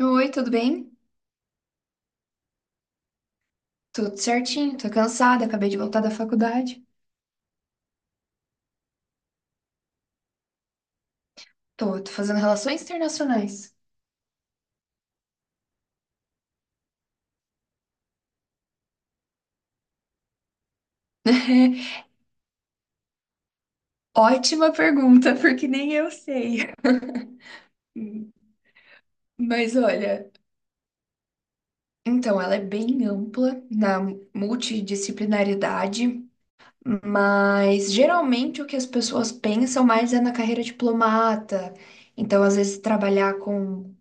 Oi, tudo bem? Tudo certinho, tô cansada, acabei de voltar da faculdade. Tô fazendo relações internacionais. Ótima pergunta, porque nem eu sei. Hum, Mas olha, então ela é bem ampla na multidisciplinaridade, mas geralmente o que as pessoas pensam mais é na carreira diplomata. Então, às vezes, trabalhar com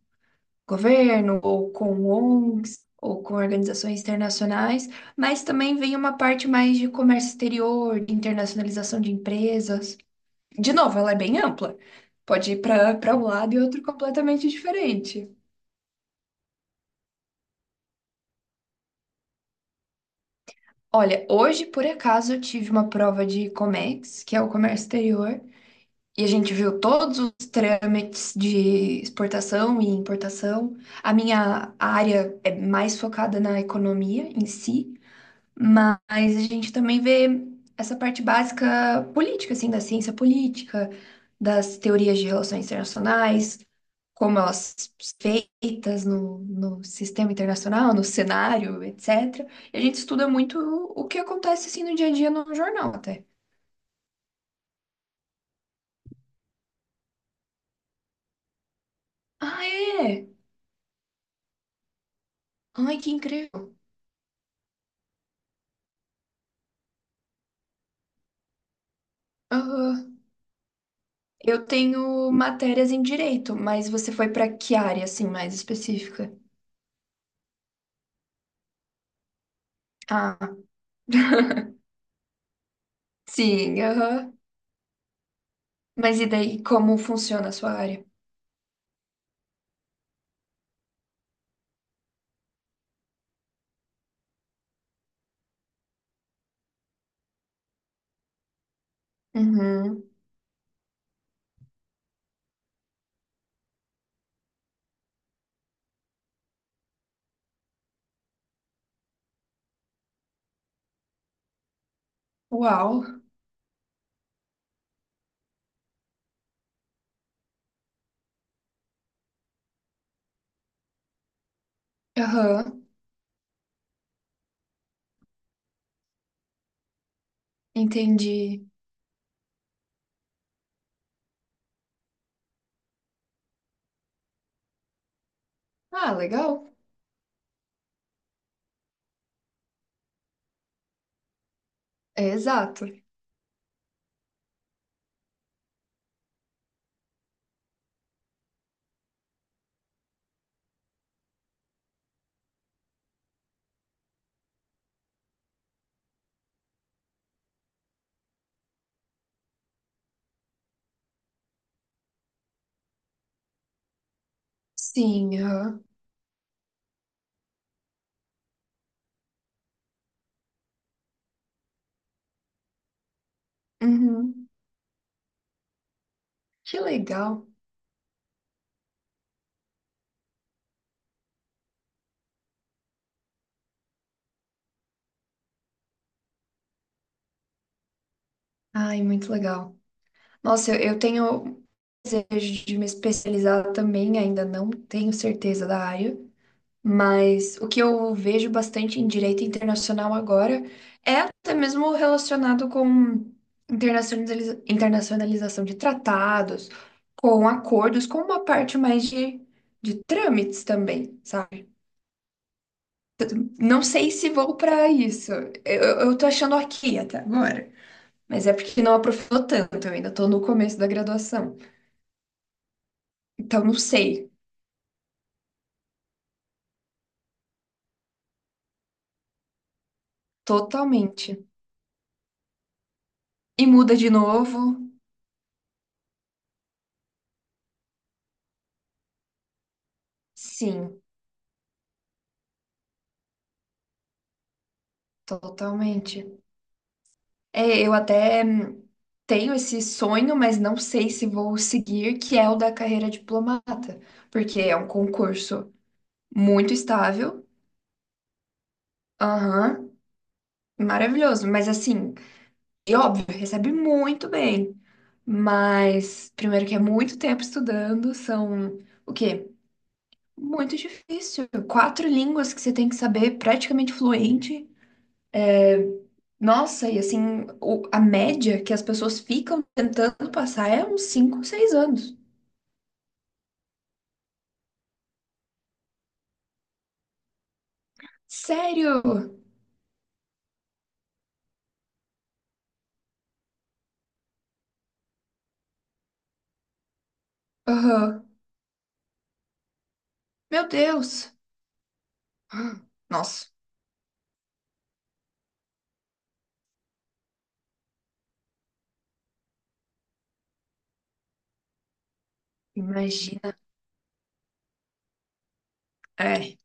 governo, ou com ONGs, ou com organizações internacionais, mas também vem uma parte mais de comércio exterior, de internacionalização de empresas. De novo, ela é bem ampla. Pode ir para um lado e outro completamente diferente. Olha, hoje, por acaso, eu tive uma prova de COMEX, que é o comércio exterior, e a gente viu todos os trâmites de exportação e importação. A minha área é mais focada na economia em si, mas a gente também vê essa parte básica política, assim, da ciência política, das teorias de relações internacionais, como elas são feitas no sistema internacional, no cenário, etc. E a gente estuda muito o que acontece, assim, no dia a dia no jornal, até. Ah, é? Ai, que incrível. Aham. Eu tenho matérias em direito, mas você foi para que área, assim, mais específica? Ah, sim, aham. Mas e daí, como funciona a sua área? Uhum. Uau. Aham. Entendi. Ah, legal. É exato. Sim, aham. Uhum. Que legal. Ai, muito legal. Nossa, eu tenho desejo de me especializar também, ainda não tenho certeza da área, mas o que eu vejo bastante em direito internacional agora é até mesmo relacionado com internacionalização de tratados, com acordos, com uma parte mais de trâmites também, sabe? Não sei se vou para isso. Eu tô achando aqui até agora. Mas é porque não aprofundou tanto, eu ainda tô no começo da graduação. Então não sei, totalmente. E muda de novo? Sim, totalmente. É, eu até tenho esse sonho, mas não sei se vou seguir, que é o da carreira diplomata, porque é um concurso muito estável, aham, maravilhoso, mas assim, e óbvio, recebe muito bem, mas primeiro que é muito tempo estudando, são o quê? Muito difícil, quatro línguas que você tem que saber praticamente fluente. Nossa, e assim, a média que as pessoas ficam tentando passar é uns 5, 6 anos. Sério? Aham. Meu Deus. Ah, nossa, imagina. É,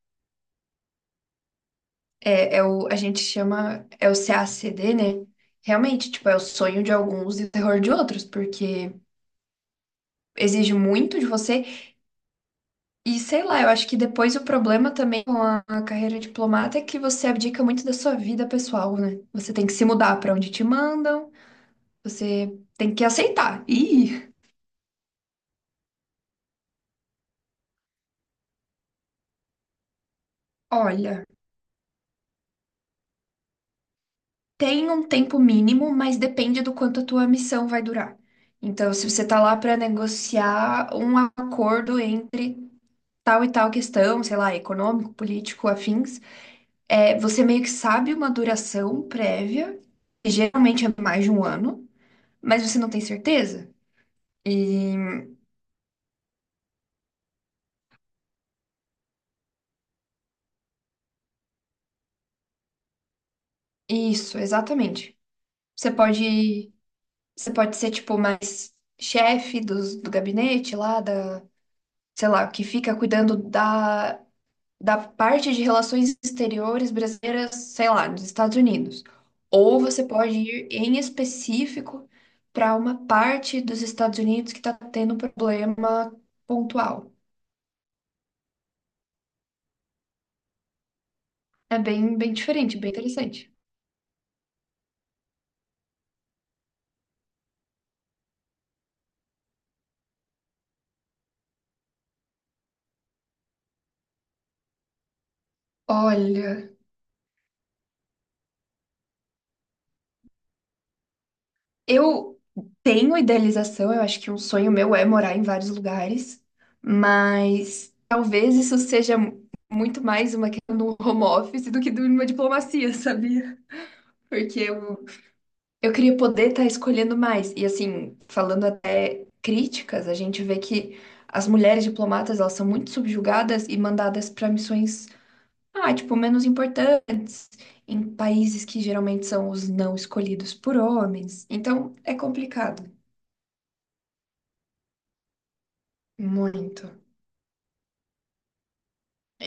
é o, a gente chama, é o CACD, né? Realmente, tipo, é o sonho de alguns e o terror de outros, porque exige muito de você. E sei lá, eu acho que depois o problema também com a carreira diplomata é que você abdica muito da sua vida pessoal, né? Você tem que se mudar pra onde te mandam. Você tem que aceitar. E, olha, tem um tempo mínimo, mas depende do quanto a tua missão vai durar. Então, se você tá lá para negociar um acordo entre tal e tal questão, sei lá, econômico, político, afins, é, você meio que sabe uma duração prévia, que geralmente é mais de um ano, mas você não tem certeza. E isso, exatamente. Você pode, você pode ser tipo mais chefe do gabinete lá da sei lá, que fica cuidando da parte de relações exteriores brasileiras, sei lá, nos Estados Unidos. Ou você pode ir em específico para uma parte dos Estados Unidos que está tendo um problema pontual. É bem, bem diferente, bem interessante. Olha, eu tenho idealização, eu acho que um sonho meu é morar em vários lugares, mas talvez isso seja muito mais uma questão do home office do que de uma diplomacia, sabia? Porque eu queria poder estar escolhendo mais. E assim, falando até críticas, a gente vê que as mulheres diplomatas, elas são muito subjugadas e mandadas para missões, ah, tipo, menos importantes, em países que geralmente são os não escolhidos por homens. Então, é complicado. Muito.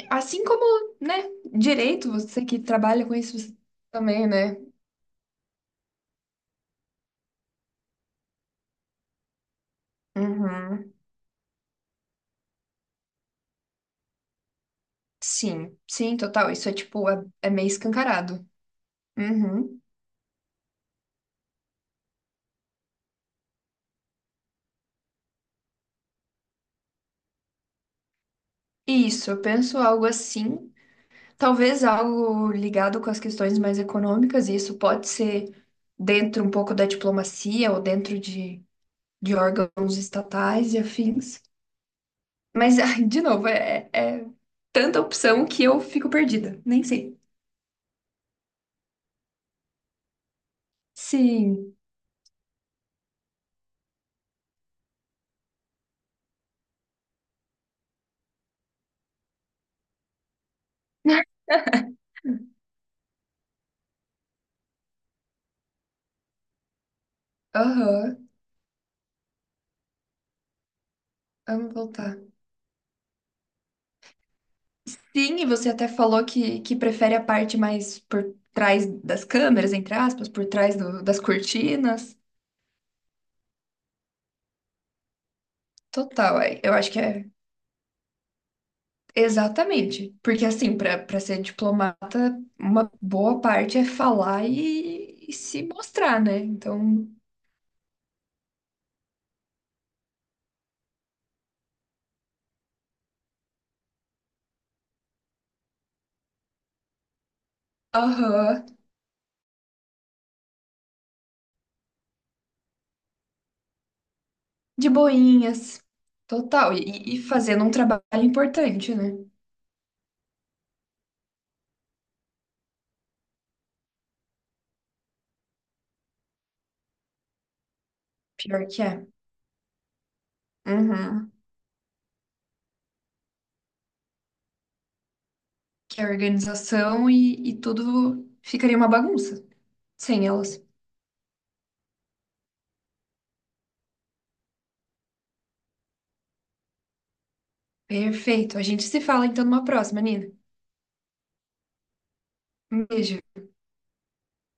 Assim como, né, direito, você que trabalha com isso você também, né? Uhum. Sim, sim, total. Isso é tipo, é meio escancarado. Uhum. Isso, eu penso algo assim, talvez algo ligado com as questões mais econômicas, e isso pode ser dentro um pouco da diplomacia ou dentro de órgãos estatais e afins. Mas, ai, de novo, é tanta opção que eu fico perdida, nem sei. Sim, aham, amo voltar. Sim, e você até falou que prefere a parte mais por trás das câmeras, entre aspas, por trás das cortinas. Total, é, eu acho que é. Exatamente. Porque, assim, para ser diplomata, uma boa parte é falar e se mostrar, né? Então, aham, de boinhas, total. E fazendo um trabalho importante, né? Pior que é. Uhum. Que é organização e tudo ficaria uma bagunça sem elas. Perfeito. A gente se fala então numa próxima, Nina. Um beijo.